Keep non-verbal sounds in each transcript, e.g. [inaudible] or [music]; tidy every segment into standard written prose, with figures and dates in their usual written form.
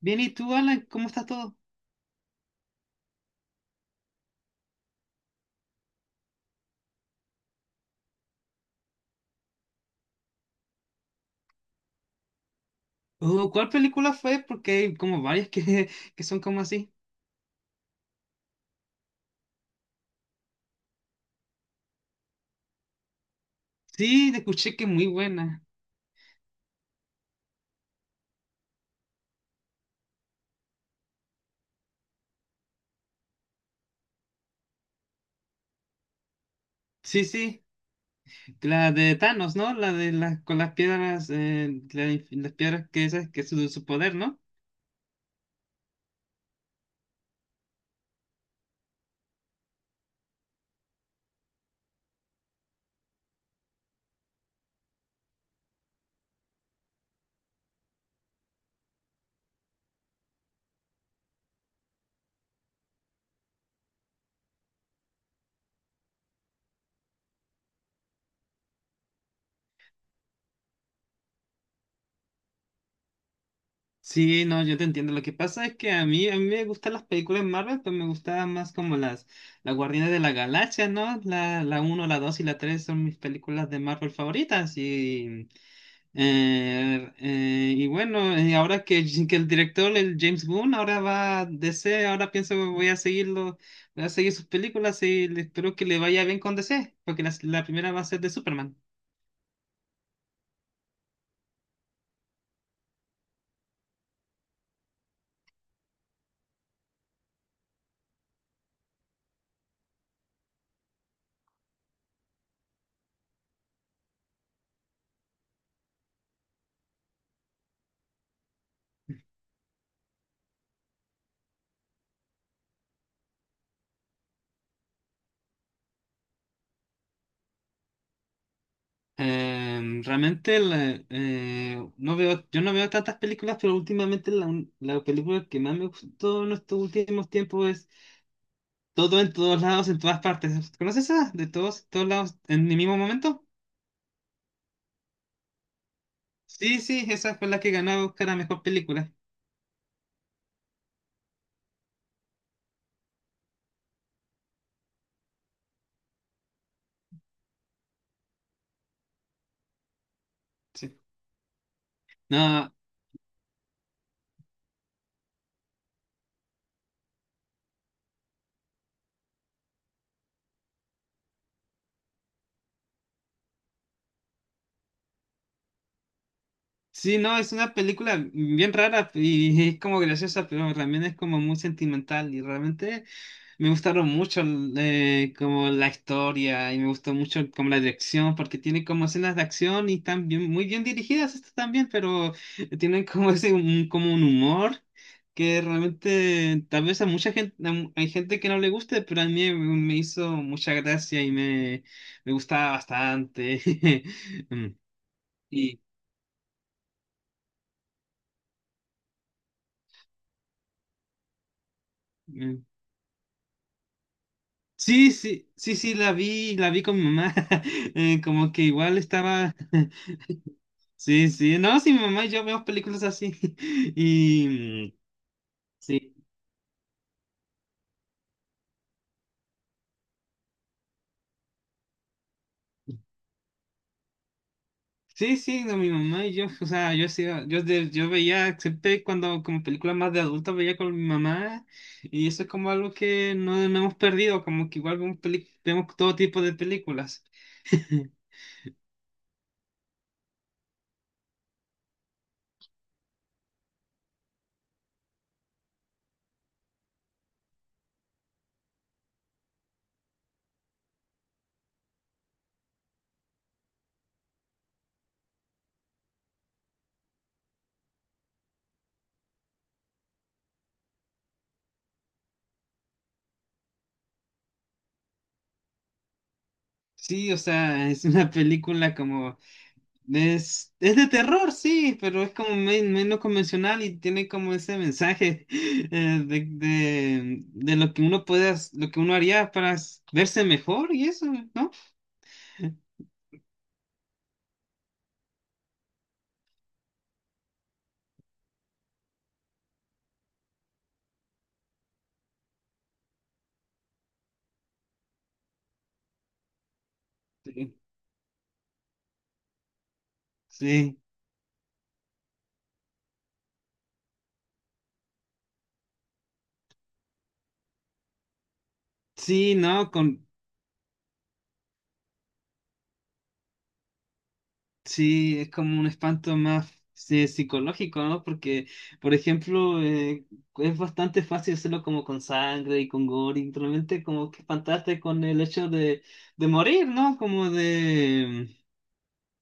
Bien, ¿y tú, Alan? ¿Cómo estás todo? Oh, ¿cuál película fue? Porque hay como varias que, [laughs] que son como así. Sí, te escuché que muy buena. Sí, sí, la de Thanos, ¿no? La de las con las piedras, las piedras que esas que es su poder, ¿no? Sí, no, yo te entiendo. Lo que pasa es que a mí me gustan las películas de Marvel, pero me gustaban más como las Guardianes de la Galaxia, ¿no? La 1, la 2 y la 3 son mis películas de Marvel favoritas y... Y bueno, ahora que el director, el James Gunn, ahora va a D C, ahora pienso que voy a seguirlo, voy a seguir sus películas y espero que le vaya bien con D C porque la primera va a ser de Superman. Realmente no veo, yo no veo tantas películas, pero últimamente la película que más me gustó en estos últimos tiempos es Todo en todos lados, en todas partes. ¿Conoces esa? De todos, todos lados, en el mismo momento. Sí, sí, esa fue la que ganó a buscar a mejor película. No, sí, no, es una película bien rara y [laughs] es como graciosa, pero también es como muy sentimental y realmente me gustaron mucho como la historia y me gustó mucho como la dirección porque tiene como escenas de acción y están muy bien dirigidas estas también, pero tienen como como un humor que realmente tal vez a mucha gente, hay gente que no le guste, pero a mí me hizo mucha gracia. Me gustaba bastante. [laughs] Mm. Y, mm, sí, sí, sí, sí, la vi con mi mamá. [laughs] Como que igual estaba. [laughs] Sí, sí. No, sí, mi mamá y yo vemos películas así. [laughs] Y mm, sí. Sí, sí, no, mi mamá y yo, o sea, yo veía siempre cuando como películas más de adultos veía con mi mamá y eso es como algo que no, no hemos perdido, como que igual vemos todo tipo de películas. [laughs] Sí, o sea, es una película como... es de terror, sí, pero es como menos convencional y tiene como ese mensaje [laughs] de lo que uno lo que uno haría para verse mejor y eso, ¿no? Sí, sí, sí, no, con, sí, es como un espanto más sí, psicológico, ¿no? Porque, por ejemplo, es bastante fácil hacerlo como con sangre y con gore, y realmente como que espantaste con el hecho de morir, ¿no? Como de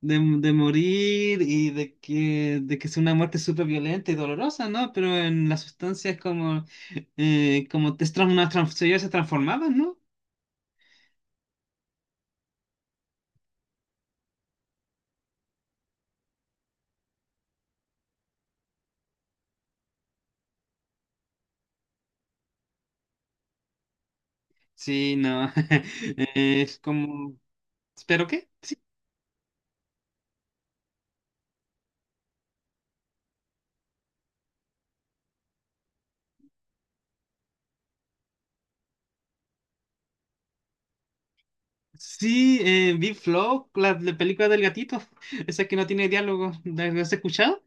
de morir y de de que sea una muerte súper violenta y dolorosa, ¿no? Pero en la sustancia es como, como te trans, una trans- ellos se transformaban, ¿no? Sí, no. [laughs] Es como... ¿Pero qué? Sí, sí vi Flow, la película del gatito, [laughs] esa que no tiene diálogo. ¿La has escuchado?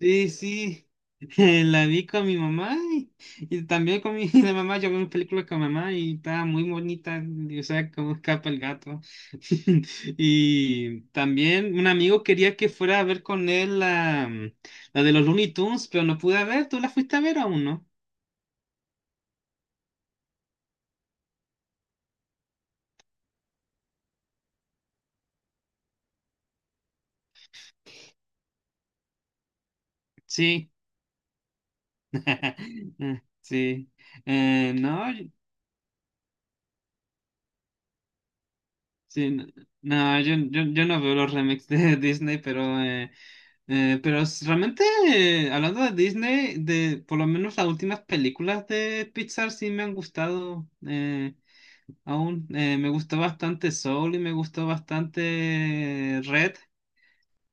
Sí, sí, [laughs] la vi con mi mamá y también con mi [laughs] la mamá. Yo vi una película con mamá y estaba muy bonita, y, o sea, cómo escapa el gato. [laughs] Y también un amigo quería que fuera a ver con él la de los Looney Tunes, pero no pude ver. ¿Tú la fuiste a ver aún, no? Sí, [laughs] sí. No. Sí, no, yo no veo los remakes de [laughs] Disney, pero, realmente, hablando de Disney, de por lo menos las últimas películas de Pixar sí me han gustado aún. Me gustó bastante Soul y me gustó bastante Red,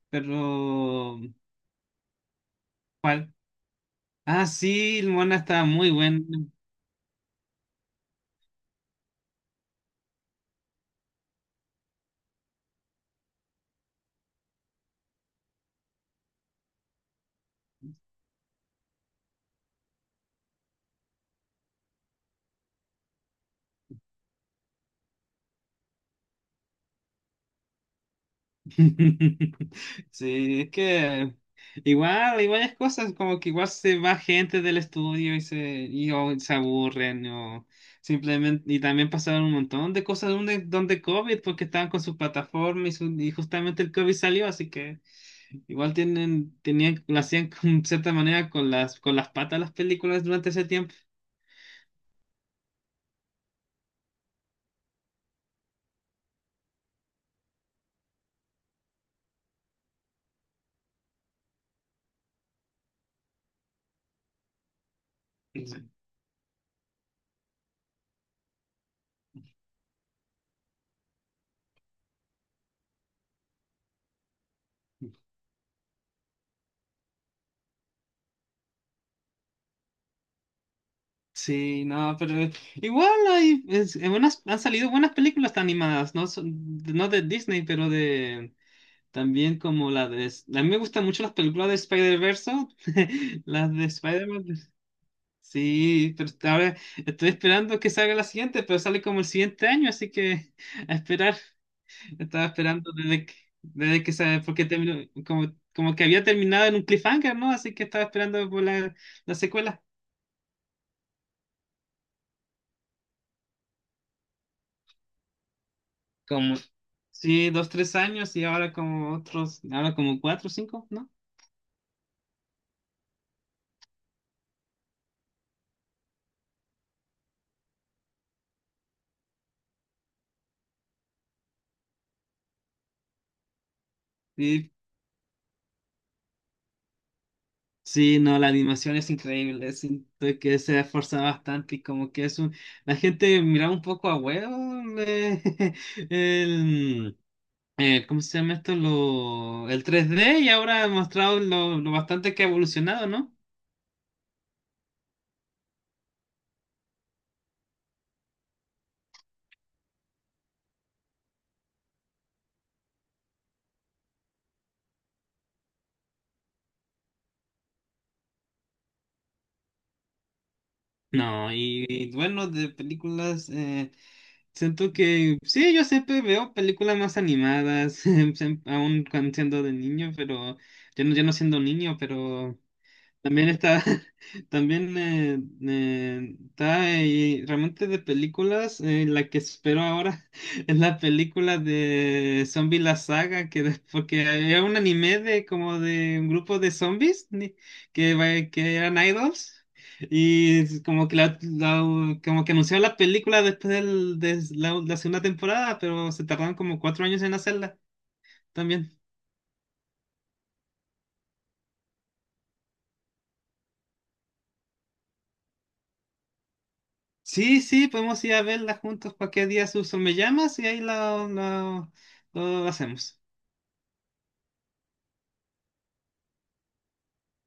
pero... ¿cuál? Ah, sí, Moana estaba muy buena. [laughs] Sí, es que igual hay varias cosas, como que igual se va gente del estudio o se aburren, o simplemente, y también pasaron un montón de cosas donde, donde COVID, porque estaban con su plataforma y, y justamente el COVID salió, así que igual tenían, lo hacían con cierta manera con con las patas las películas durante ese tiempo. Sí, no, pero igual hay es- en buenas- han salido buenas películas animadas, no, no de Disney, pero de también como la de... A mí me gustan mucho las películas de Spider-Verse, [laughs] las de Spider-Man. Sí, pero ahora estoy esperando que salga la siguiente, pero sale como el siguiente año, así que a esperar. Estaba esperando desde porque terminó, como, como que había terminado en un cliffhanger, ¿no? Así que estaba esperando por la secuela. Como, sí, 2, 3 años y ahora como otros, ahora como 4, 5, ¿no? Y sí, no, la animación es increíble, siento que se esfuerza bastante y como que es un... La gente mira un poco a huevo [laughs] el... ¿cómo se llama esto? Lo, el 3D y ahora ha mostrado lo bastante que ha evolucionado, ¿no? No, y bueno, de películas... siento que sí, yo siempre veo películas más animadas, [laughs] aún cuando siendo de niño, pero yo no siendo niño, pero también está, [laughs] también está realmente de películas, la que espero ahora [laughs] es la película de Zombie la saga, porque era un anime de como de un grupo de zombies ni- que, que eran idols y es como que como que anunciaron la película de la segunda temporada, pero se tardaron como 4 años en hacerla también. Sí, sí, podemos ir a verla juntos cualquier día, Suso. Me llamas y ahí lo hacemos.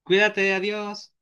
Cuídate, adiós.